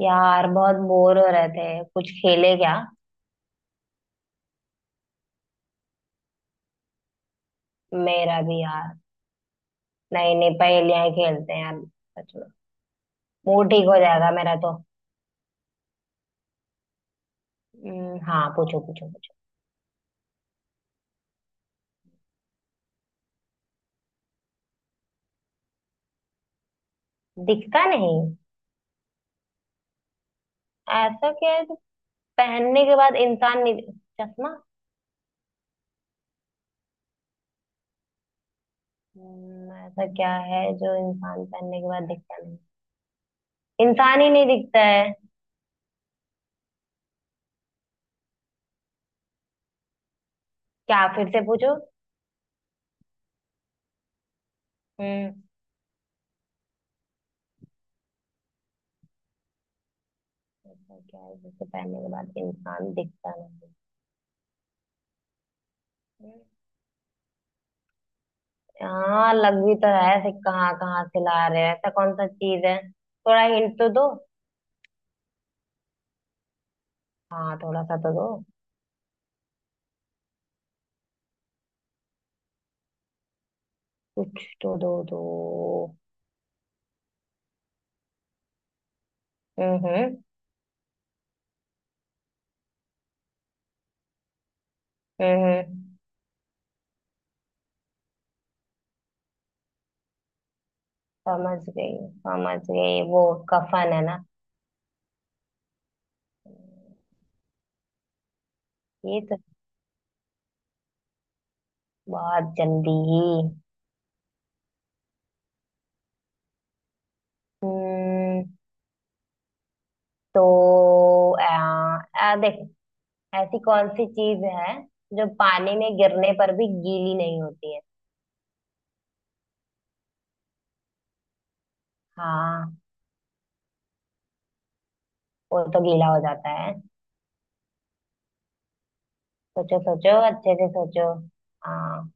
यार बहुत बोर हो रहे थे, कुछ खेले क्या? मेरा भी, यार। नहीं नहीं, पहेलियां ही खेलते हैं यार। सच में। मूड ठीक हो जाएगा मेरा तो। हाँ, पूछो पूछो पूछो। दिखता नहीं। ऐसा क्या है जो पहनने के बाद इंसान नहीं? चश्मा। ऐसा क्या है जो इंसान पहनने के बाद दिखता नहीं? इंसान ही नहीं दिखता है। क्या? फिर से पूछो। हम्म। ऐसा क्या है जिसे पहनने के बाद इंसान दिखता नहीं? हाँ, लग भी तो रहा है। ऐसे कहाँ कहाँ से ला रहे हैं? ऐसा कौन सा चीज है, थोड़ा हिंट तो दो। हाँ, थोड़ा सा तो दो। कुछ तो दो दो हम्म। हम्म, हम्म। समझ गई समझ गई। वो कफन है ना? ये तो बहुत जल्दी ही। हम्म। तो आ, आ, देख, ऐसी कौन सी चीज है जो पानी में गिरने पर भी गीली नहीं होती है? हाँ। वो तो गीला हो जाता है। सोचो सोचो अच्छे से सोचो। हाँ।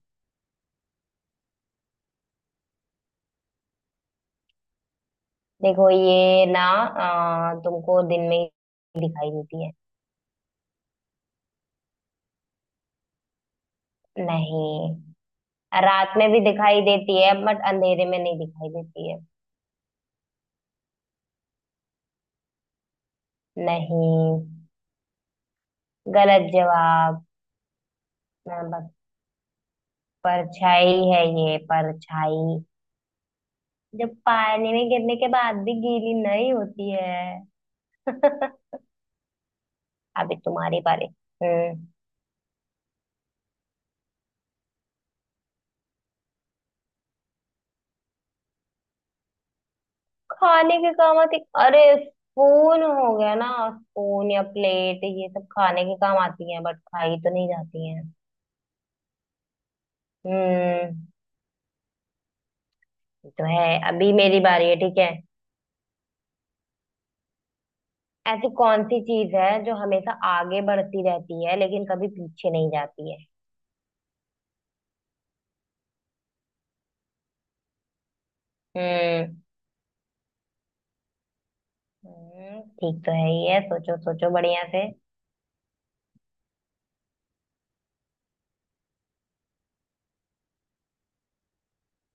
देखो, ये ना तुमको दिन में ही दिखाई देती है। नहीं, रात में भी दिखाई देती है, बट अंधेरे में नहीं दिखाई देती है। नहीं, गलत जवाब। हाँ, बस परछाई है, ये परछाई जो पानी में गिरने के बाद भी गीली नहीं होती है। अभी तुम्हारी बारी। हम्म। खाने के काम आती? अरे, स्पून हो गया ना। स्पून या प्लेट ये सब खाने के काम आती है, बट खाई तो नहीं जाती है। हम्म। ये तो है। अभी मेरी बारी है, ठीक है। ऐसी कौन सी चीज है जो हमेशा आगे बढ़ती रहती है लेकिन कभी पीछे नहीं जाती है? हम्म। ठीक तो है ही है। सोचो सोचो बढ़िया से।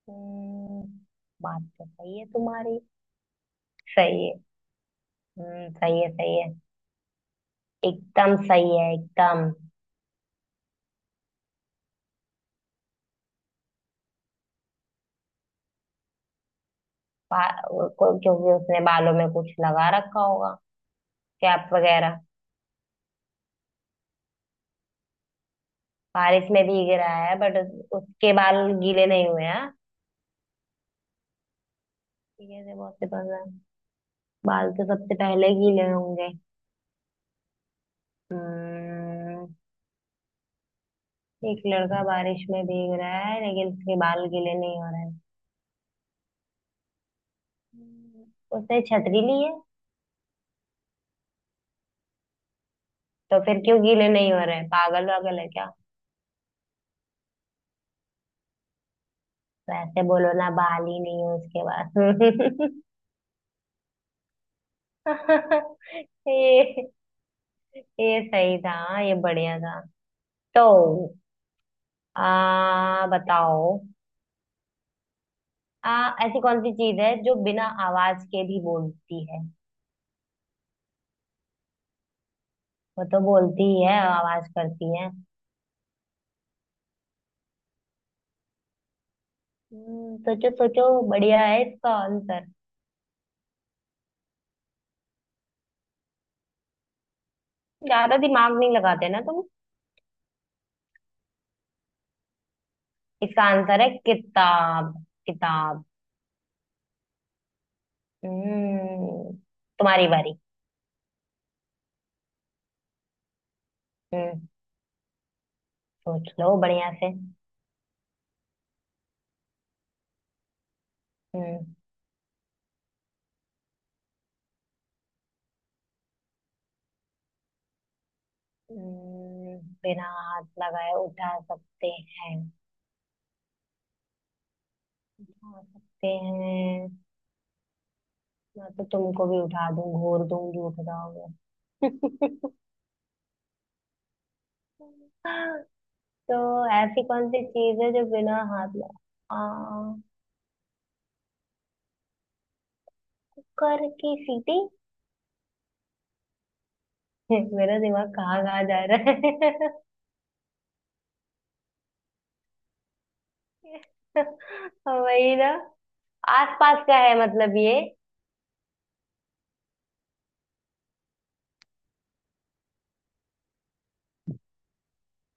हम्म। बात तो सही है तुम्हारी। सही है। हम्म, सही है सही है। एकदम सही है, एकदम। क्योंकि उसने बालों में कुछ लगा रखा होगा, कैप वगैरह। बारिश में भीग रहा है बट उसके बाल गीले नहीं हुए हैं। ठीक है, ये बहुत से पता है। बाल तो सबसे पहले गीले होंगे। हम्म। एक लड़का बारिश में भीग रहा है लेकिन उसके बाल गीले नहीं हो रहे हैं। हम्म, उसने छतरी ली है? तो फिर क्यों गीले नहीं हो रहे हैं? पागल वागल है क्या? वैसे बोलो ना, बाल ही नहीं है उसके पास। ये ये सही था। हाँ, ये बढ़िया था। तो आ बताओ। आ ऐसी कौन सी चीज है जो बिना आवाज के भी बोलती है? वो तो बोलती ही है, आवाज करती है। सोचो सोचो, बढ़िया है इसका आंसर। ज्यादा दिमाग नहीं लगाते ना तुम। इसका आंसर है किताब। किताब। हम्म। तुम्हारी बारी। हम्म। सोच लो बढ़िया से। हम्म। हम्म, बिना हाथ लगाए उठा सकते हैं? उठा सकते हैं। मैं तो तुमको भी उठा दूं, घूर दूंगी उठ जाओगे। तो ऐसी कौन सी चीज है जो बिना हाथ में आ कर की सीटी। मेरा दिमाग कहाँ कहाँ जा रहा है। वही ना, आसपास का है मतलब ये।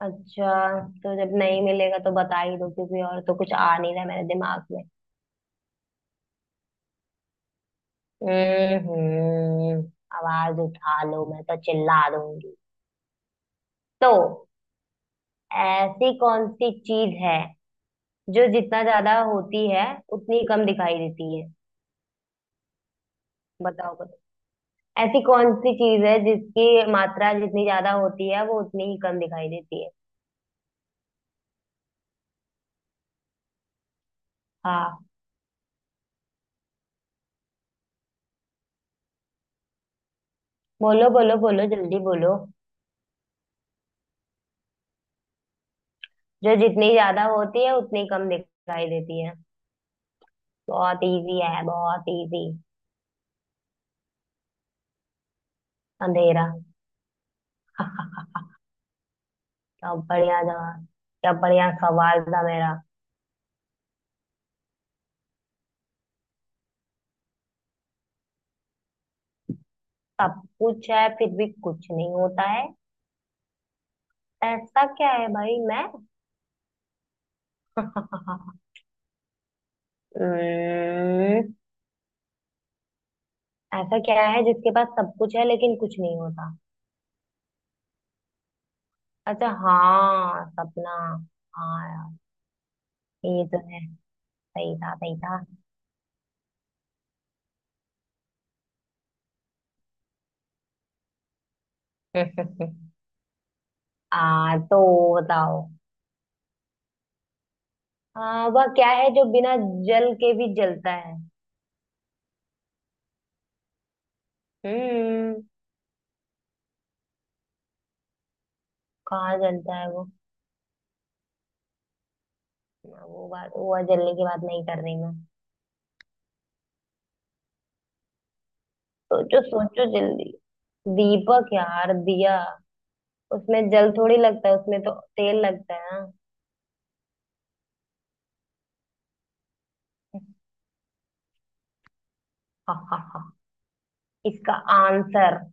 अच्छा, तो जब नहीं मिलेगा तो बता ही दो, क्योंकि और तो कुछ आ नहीं रहा मेरे दिमाग में। हम्म। आवाज उठा लो, मैं तो चिल्ला दूंगी। तो ऐसी कौन सी चीज है जो जितना ज्यादा होती है उतनी कम दिखाई देती है? बताओ कुछ। ऐसी कौन सी चीज है जिसकी मात्रा जितनी ज्यादा होती है वो उतनी ही कम दिखाई देती है? हाँ। बोलो बोलो बोलो जल्दी बोलो। जो जितनी ज्यादा होती है उतनी कम दिखाई देती है। बहुत इजी है, बहुत इजी। अंधेरा। क्या बढ़िया जवाब। क्या बढ़िया सवाल था मेरा। सब कुछ है फिर भी कुछ नहीं होता है? ऐसा क्या है भाई? मैं। हम्म, ऐसा क्या है जिसके पास सब कुछ है लेकिन कुछ नहीं होता? अच्छा हाँ, सपना। हाँ यार। ये तो है। सही था सही था। आ तो बताओ। वह क्या है जो बिना जल के भी जलता है? हम्म। कहाँ जलता है वो? वो बात, वो जलने की बात नहीं कर रही मैं। सोचो सोचो जल्दी। दीपक, यार दिया। उसमें जल थोड़ी लगता है, उसमें तो तेल लगता है ना। इसका आंसर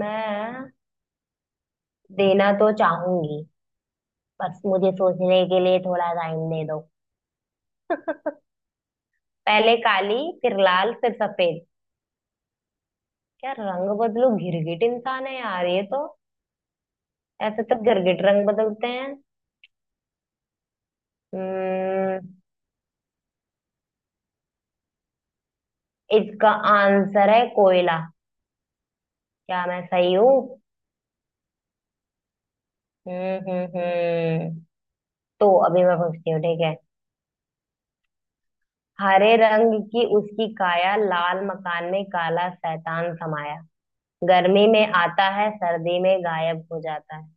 मैं देना तो चाहूंगी, बस मुझे सोचने के लिए थोड़ा टाइम दे दो। पहले काली, फिर लाल, फिर सफेद। क्या रंग बदलो, गिरगिट इंसान है यार ये तो। ऐसे तो गिरगिट रंग बदलते हैं। हम्म। इसका आंसर है कोयला। क्या मैं सही हूँ? हम्म। तो अभी मैं पूछती हूँ, ठीक है। हरे रंग की उसकी काया, लाल मकान में काला शैतान समाया। गर्मी में आता है, सर्दी में गायब हो जाता है।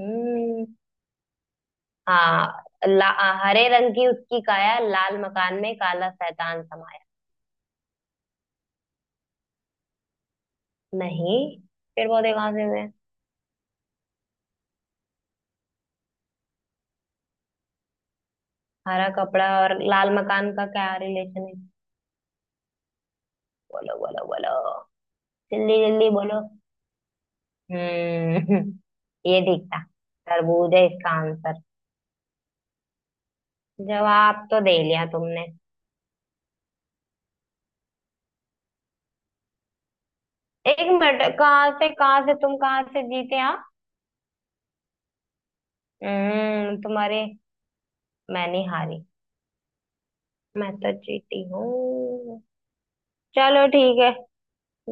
हम्म। हाँ ला, हरे रंग की उसकी काया, लाल मकान में काला शैतान समाया। नहीं, पेड़ पौधे कहाँ से हुए? हरा कपड़ा और लाल मकान का क्या रिलेशन है? बोलो बोलो बोलो, जल्दी जल्दी बोलो। हम्म। ये ठीक था, तरबूज है इसका आंसर। जवाब तो दे लिया तुमने। एक मिनट, कहाँ से तुम, कहाँ से जीते आप? हम्म, तुम्हारे। मैं नहीं हारी। मैं तो जीती हूँ। चलो ठीक है।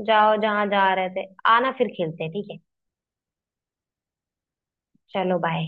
जाओ जहां जा रहे थे। आना फिर खेलते हैं ठीक है। चलो बाय।